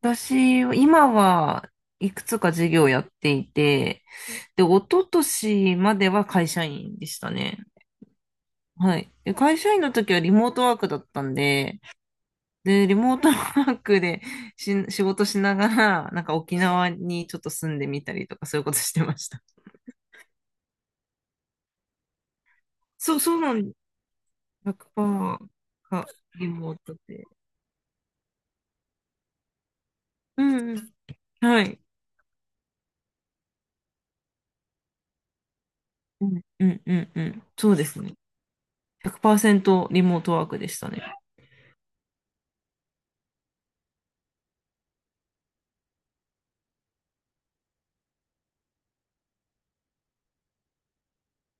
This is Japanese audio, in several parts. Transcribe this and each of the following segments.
私、今はいくつか事業やっていて、で、一昨年までは会社員でしたね。はい。で、会社員の時はリモートワークだったんで、で、リモートワークで仕事しながら、なんか沖縄にちょっと住んでみたりとか、そういうことしてました。そう、そうなんです。100%がリモートで。うんうん。はい。うんうんうんうん。そうですね。100%リモートワークでしたね。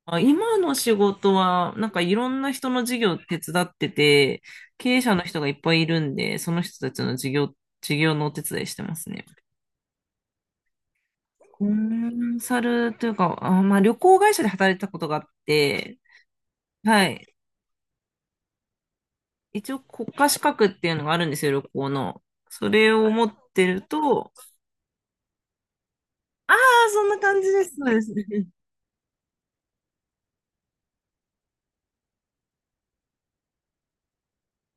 あ、今の仕事は、なんかいろんな人の事業手伝ってて、経営者の人がいっぱいいるんで、その人たちの事業のお手伝いしてますね。コンサルというか、あ、まあ旅行会社で働いてたことがあって、はい。一応国家資格っていうのがあるんですよ、旅行の。それを持ってると、ああ、そんな感じです。そうです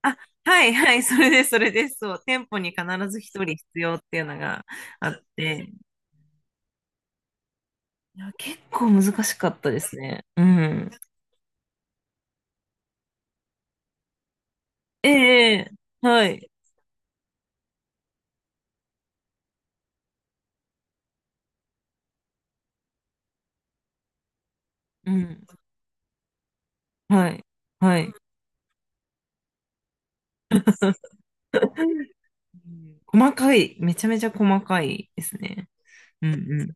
あ、はい、はい、それです、それです。そう、店舗に必ず一人必要っていうのがあって、いや、結構難しかったですね。うん。ええ、はい。うん。はい。はい。うん、細かい。めちゃめちゃ細かいですね。うんうん。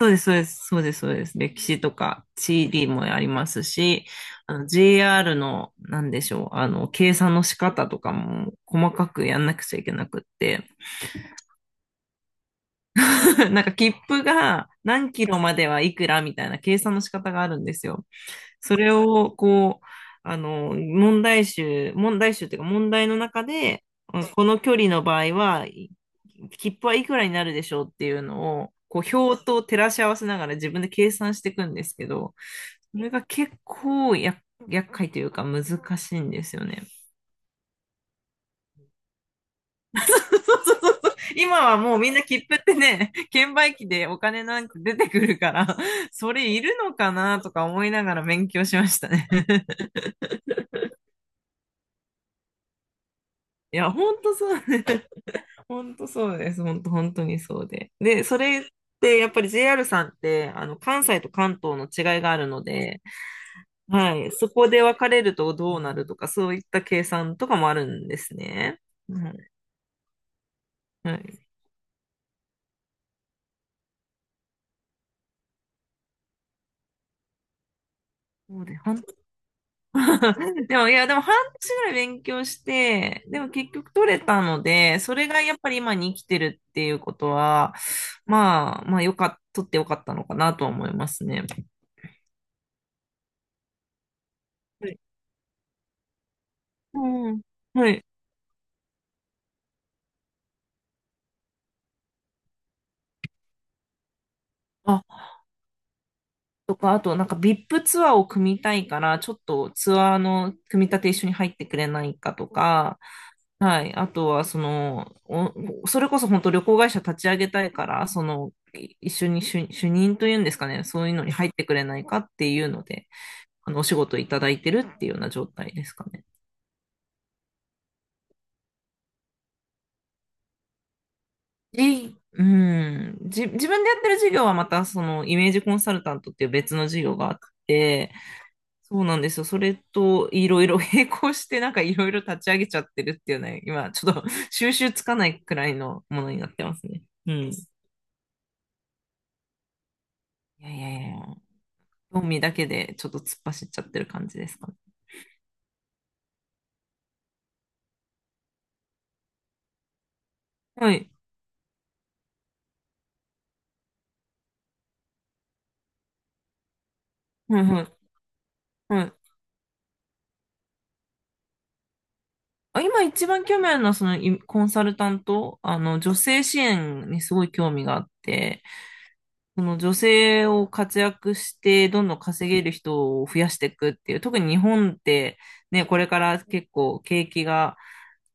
そうです、そうです、そうです、そうです。歴史とか地理もありますし、あの JR の、なんでしょう、計算の仕方とかも細かくやんなくちゃいけなくって、なんか切符が何キロまではいくらみたいな計算の仕方があるんですよ。それを、こう、問題集っていうか問題の中で、うん、この距離の場合は、切符はいくらになるでしょうっていうのを、こう、表と照らし合わせながら自分で計算していくんですけど、それが結構厄介というか難しいんですよね。今はもうみんな切符ってね、券売機でお金なんか出てくるから、それいるのかなとか思いながら勉強しましたね。いや、ほんとそうね。本当そうです。本当、本当にそうで。で、それってやっぱり JR さんってあの関西と関東の違いがあるので、はい、そこで分かれるとどうなるとか、そういった計算とかもあるんですね。はい。はい、そうで、でも、いや、でも半年ぐらい勉強して、でも結局取れたので、それがやっぱり今に生きてるっていうことは、まあ、まあ、よかっ、取ってよかったのかなとは思いますね。はい。うん。はい。あとか、あとなんか VIP ツアーを組みたいから、ちょっとツアーの組み立て一緒に入ってくれないかとか、はい。あとは、その、それこそ本当旅行会社立ち上げたいから、その、一緒に主任というんですかね、そういうのに入ってくれないかっていうので、あの、お仕事いただいてるっていうような状態ですかね。うん、自分でやってる事業はまた、その、イメージコンサルタントっていう別の事業があって、そうなんですよ。それといろいろ 並行してなんかいろいろ立ち上げちゃってるっていうね、今ちょっと 収集つかないくらいのものになってますね。うん。いやいやいや、興味だけでちょっと突っ走っちゃってる感じですかね。はい。はいはい。はい。あ、今一番興味あるのはそのコンサルタント、あの女性支援にすごい興味があって、その女性を活躍してどんどん稼げる人を増やしていくっていう、特に日本ってね、これから結構景気が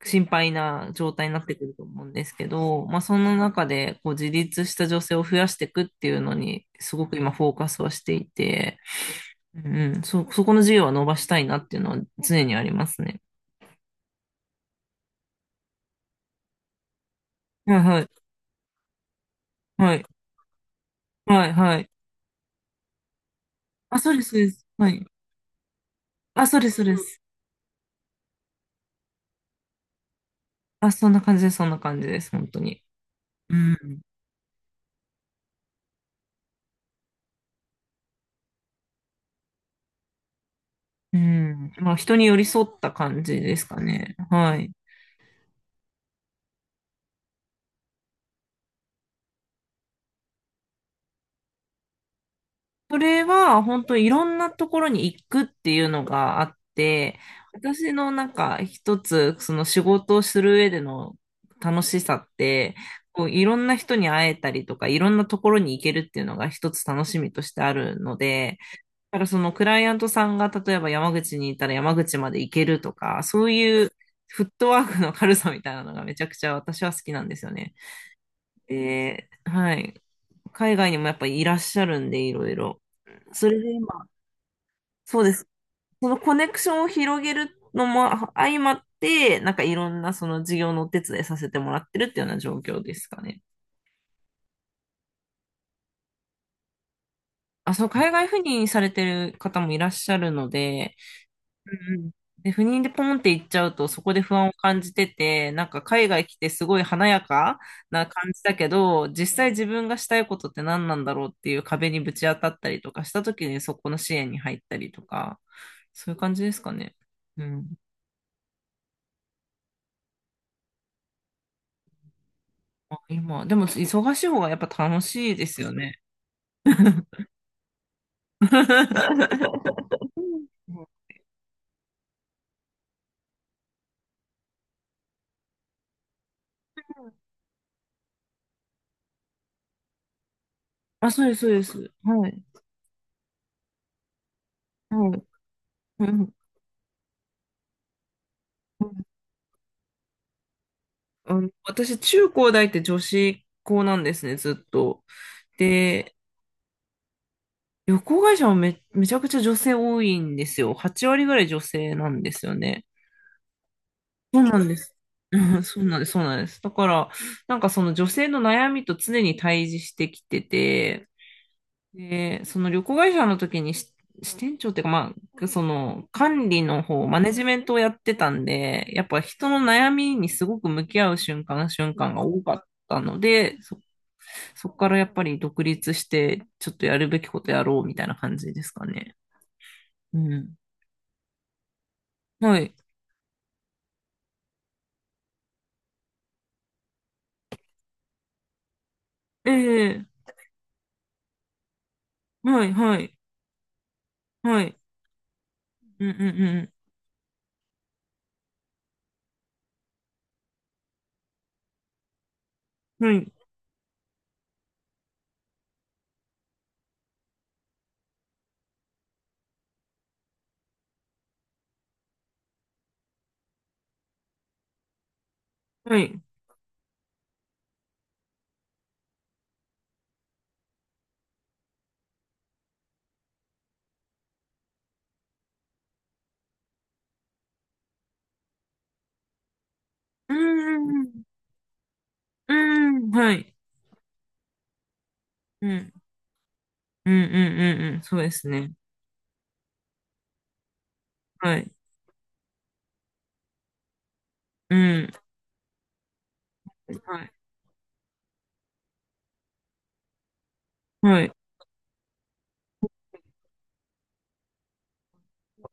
心配な状態になってくると思うんですけど、まあ、その中でこう自立した女性を増やしていくっていうのにすごく今フォーカスはしていて、うんうん、そこの授業は伸ばしたいなっていうのは常にありますね。はいはい。はい。はいはい。あ、そうです、そうです。はい。あ、そうです、そうです。あ、そんな感じです、そんな感じです、本当に。うん。うん。まあ、人に寄り添った感じですかね。はい。それは本当いろんなところに行くっていうのがあって、私のなんか一つその仕事をする上での楽しさって、こういろんな人に会えたりとか、いろんなところに行けるっていうのが一つ楽しみとしてあるので、だからそのクライアントさんが例えば山口にいたら山口まで行けるとか、そういうフットワークの軽さみたいなのがめちゃくちゃ私は好きなんですよね。で、はい。海外にもやっぱいらっしゃるんで、いろいろ。それで今そうです。そのコネクションを広げるのも相まって、なんかいろんなその事業のお手伝いさせてもらってるっていうような状況ですかね。あ、そう、海外赴任されてる方もいらっしゃるので、うんうん、で、赴任でポンって行っちゃうと、そこで不安を感じてて、なんか海外来てすごい華やかな感じだけど、実際自分がしたいことって何なんだろうっていう壁にぶち当たったりとかした時にそこの支援に入ったりとか、そういう感じですかね。うん。今、でも忙しい方がやっぱ楽しいですよね。あ、そうです、そうです。はい。はい。うん。うん、私、中高大って女子校なんですね、ずっと。で、旅行会社もめちゃくちゃ女性多いんですよ。8割ぐらい女性なんですよね。そうなんです。うん、そうなんです、そうなんです。だから、なんかその女性の悩みと常に対峙してきてて、で、その旅行会社の時に支店長っていうか、まあ、その管理の方、マネジメントをやってたんで、やっぱ人の悩みにすごく向き合う瞬間、瞬間が多かったので、そこからやっぱり独立して、ちょっとやるべきことやろうみたいな感じですかね。うん。はい。ええ、はい、はい、はい。うん、うん、うん。はい、はい。うん、うん、うん、はい。うん、うん、うん、うん、うん、そうですね。はい。うん。はい。はい。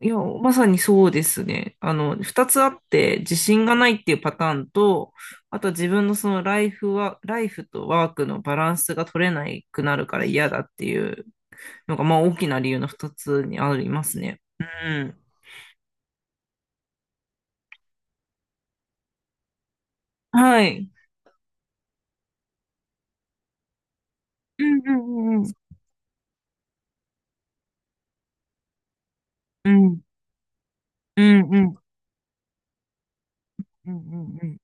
いや、まさにそうですね。あの、二つあって、自信がないっていうパターンと、あと自分のそのライフとワークのバランスが取れなくなるから嫌だっていうのが、まあ大きな理由の二つにありますね。うん。はい。うんうんうんうん。うんうんうんうんうん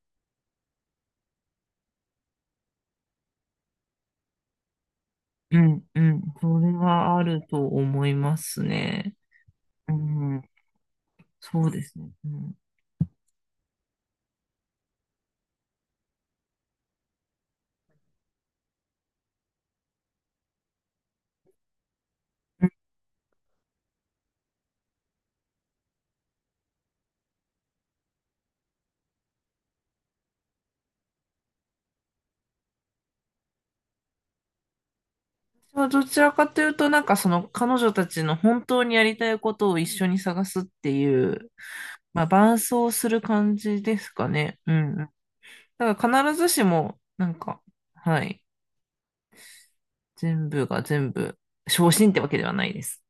うんうん。それはあると思いますね。うん。そうですね。うん。まあどちらかというと、なんかその彼女たちの本当にやりたいことを一緒に探すっていう、まあ伴走する感じですかね。うん。だから必ずしも、なんか、はい。全部が全部、昇進ってわけではないです。